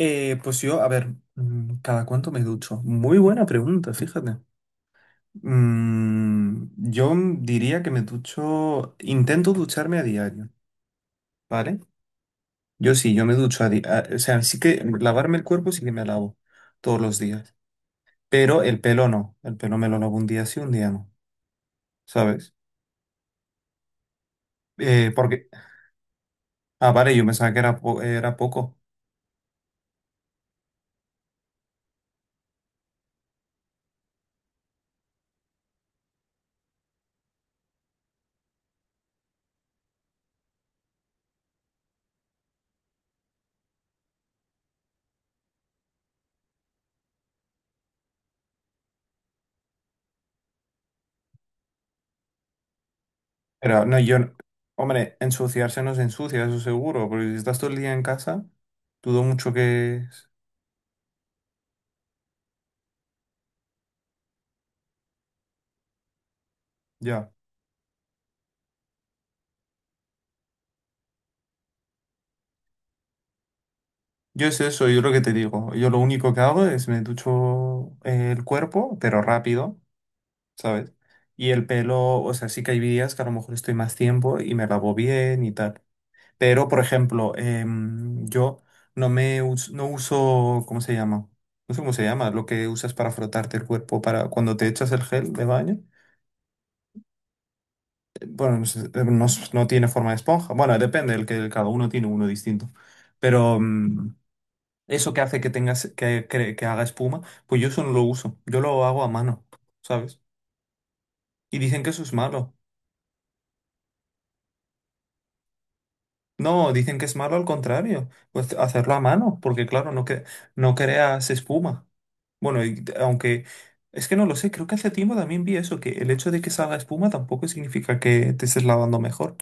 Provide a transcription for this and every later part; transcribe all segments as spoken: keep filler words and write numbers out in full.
Eh, pues yo, a ver, mm, ¿cada cuánto me ducho? Muy buena pregunta, fíjate. Mm, yo diría que me ducho, intento ducharme a diario, ¿vale? Yo sí, yo me ducho a diario, o sea, sí que lavarme el cuerpo sí que me lavo todos los días, pero el pelo no, el pelo me lo lavo un día sí, un día no, ¿sabes? Eh, porque, ah, vale, yo pensaba que era, po- era poco, pero no, yo, no- hombre, ensuciarse no se ensucia, eso seguro, porque si estás todo el día en casa, dudo mucho que. Ya. Yo es eso, yo lo que te digo. Yo lo único que hago es me ducho eh, el cuerpo, pero rápido, ¿sabes? Y el pelo, o sea, sí que hay días que a lo mejor estoy más tiempo y me lavo bien y tal. Pero, por ejemplo, em, yo no me us- no uso, ¿cómo se llama? No sé cómo se llama, lo que usas para frotarte el cuerpo para cuando te echas el gel de baño. Eh, Bueno, no sé, eh, no s- no tiene forma de esponja. Bueno, depende, el que cada uno tiene uno distinto. Pero, em, Eso que hace que tengas que, que, que haga espuma, pues yo eso no lo uso. Yo lo hago a mano, ¿sabes? Y dicen que eso es malo. No, dicen que es malo al contrario. Pues hacerlo a mano, porque claro, no, que, no creas espuma. Bueno, y t- aunque es que no lo sé, creo que hace tiempo también vi eso, que el hecho de que salga espuma tampoco significa que te estés lavando mejor.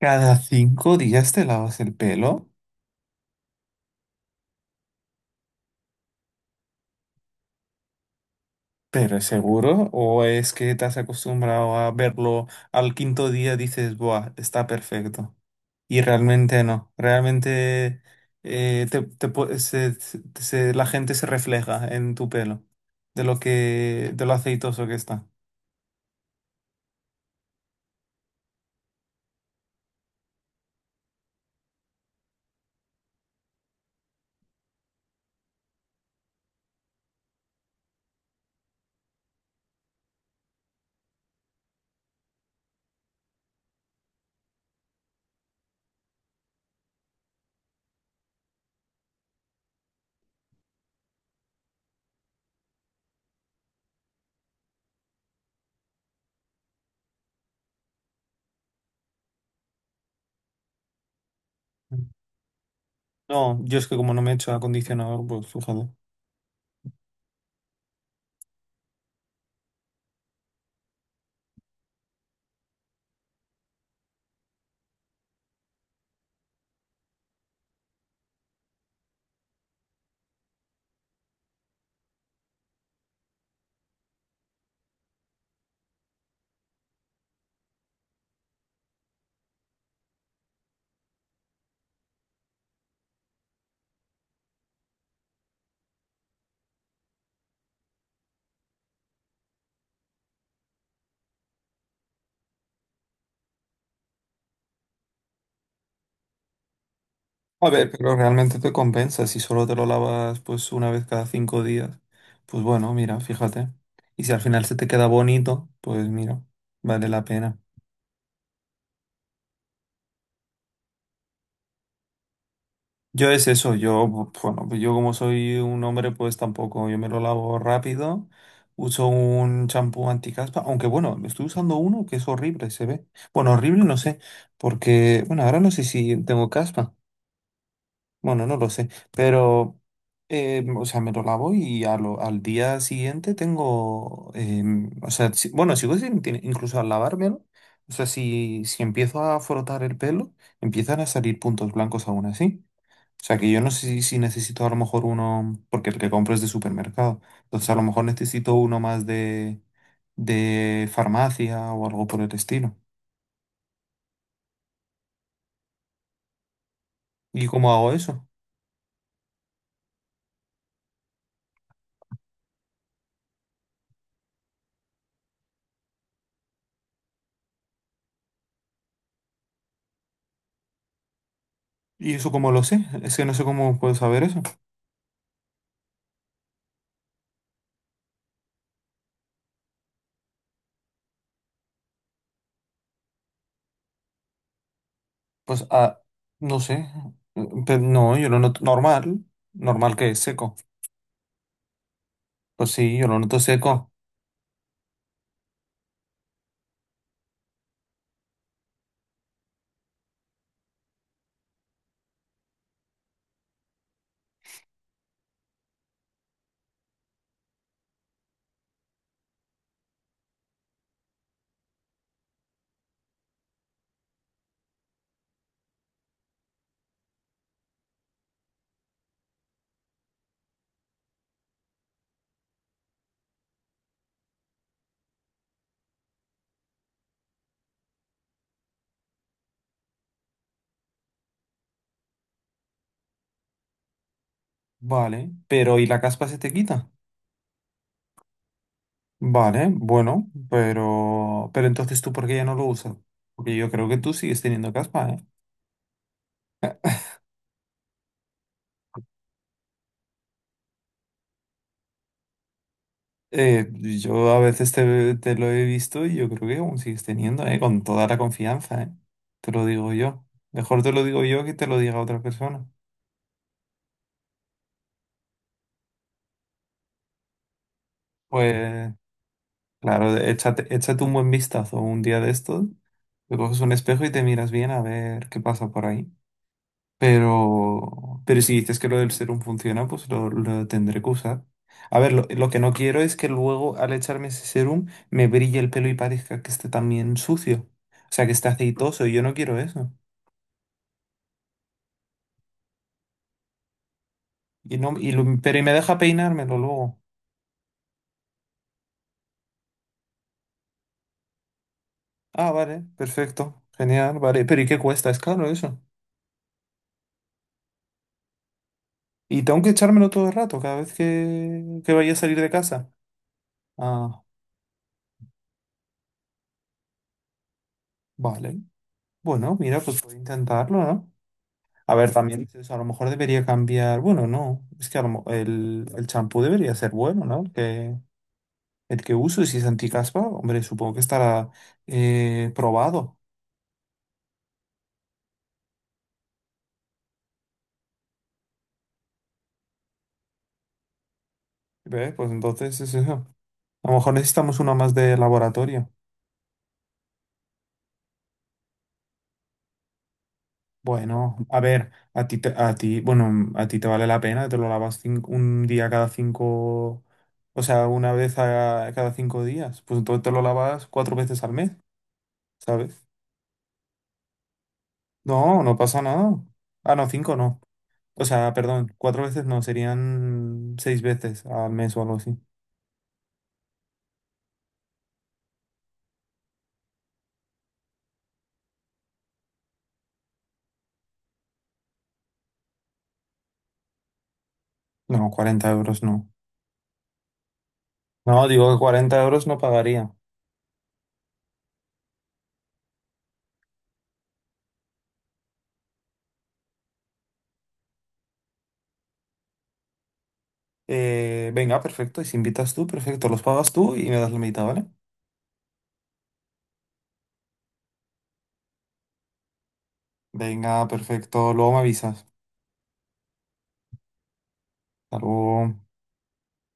¿Cada cinco días te lavas el pelo? ¿Pero es seguro? ¿O es que te has acostumbrado a verlo al quinto día dices, buah, está perfecto? Y realmente no, realmente eh, te- te pu- se- se- se- la gente se refleja en tu pelo, de lo que, de lo aceitoso que está. No, yo es que como no me he hecho acondicionador, pues fíjate. A ver, pero realmente te compensa si solo te lo lavas pues una vez cada cinco días. Pues bueno, mira, fíjate. Y si al final se te queda bonito, pues mira, vale la pena. Yo es eso, yo, bu- bueno, pues yo como soy un hombre, pues tampoco, yo me lo lavo rápido, uso un champú anticaspa, aunque bueno, estoy usando uno que es horrible, se ve. Bueno, horrible no sé, porque, bueno, ahora no sé si tengo caspa. Bueno, no lo sé, pero, eh, o sea, me lo lavo y a lo- al día siguiente tengo, em, o sea, si- bueno, sigo sin, tiene- incluso al lavármelo, o sea, si, si empiezo a frotar el pelo, empiezan a salir puntos blancos aún así. O sea, que yo no sé si, si, necesito a lo mejor uno, porque el que compro es de supermercado, entonces a lo mejor necesito uno más de, de farmacia o algo por el estilo. ¿Y cómo hago eso? ¿Y eso cómo lo sé? Es que no sé cómo puedo saber eso. Pues, ah, no sé. Mm, Pero no, yo lo noto normal. Normal que es seco. Pues sí, yo lo noto seco. Vale. Pero ¿y la caspa se te quita? Vale, bueno, pero, pero entonces tú, ¿por qué ya no lo usas? Porque yo creo que tú sigues teniendo caspa, ¿eh? Eh, yo a veces te, te lo he visto y yo creo que aún sigues teniendo, ¿eh? Con toda la confianza, ¿eh? Te lo digo yo. Mejor te lo digo yo que te lo diga otra persona. Pues, claro, échate, échate un buen vistazo un día de estos, te coges un espejo y te miras bien a ver qué pasa por ahí. Pero, pero si dices que lo del serum funciona, pues lo, lo tendré que usar. A ver, lo, lo que no quiero es que luego al echarme ese serum me brille el pelo y parezca que esté también sucio. O sea, que esté aceitoso y yo no quiero eso. Y no, y lo- pero y me deja peinármelo luego. Ah, vale, perfecto, genial, vale. Pero ¿y qué cuesta? Es caro eso. Y tengo que echármelo todo el rato, cada vez que, que vaya a salir de casa. Ah, vale. Bueno, mira, pues puedo intentarlo, ¿no? A ver, también dices, a lo mejor debería cambiar. Bueno, no. Es que a lo mo- el, el champú debería ser bueno, ¿no? El que, el que uso, y si es anticaspa, hombre, supongo que estará eh, probado. ¿Ves? Pues entonces es eso. A lo mejor necesitamos uno más de laboratorio. Bueno, a ver, a ti, te- a ti, bueno, a ti te vale la pena, te lo lavas cin- un día cada cinco, o sea, una vez a- cada cinco días. Pues entonces te lo lavas cuatro veces al mes. ¿Sabes? No, no pasa nada. Ah, no, cinco no. O sea, perdón, cuatro veces no, serían seis veces al mes o algo así. No, cuarenta euros no. No, digo que cuarenta euros no pagaría. Eh, venga, perfecto. Y si invitas tú, perfecto. Los pagas tú y me das la mitad, ¿vale? Venga, perfecto. Luego me avisas. Hasta luego.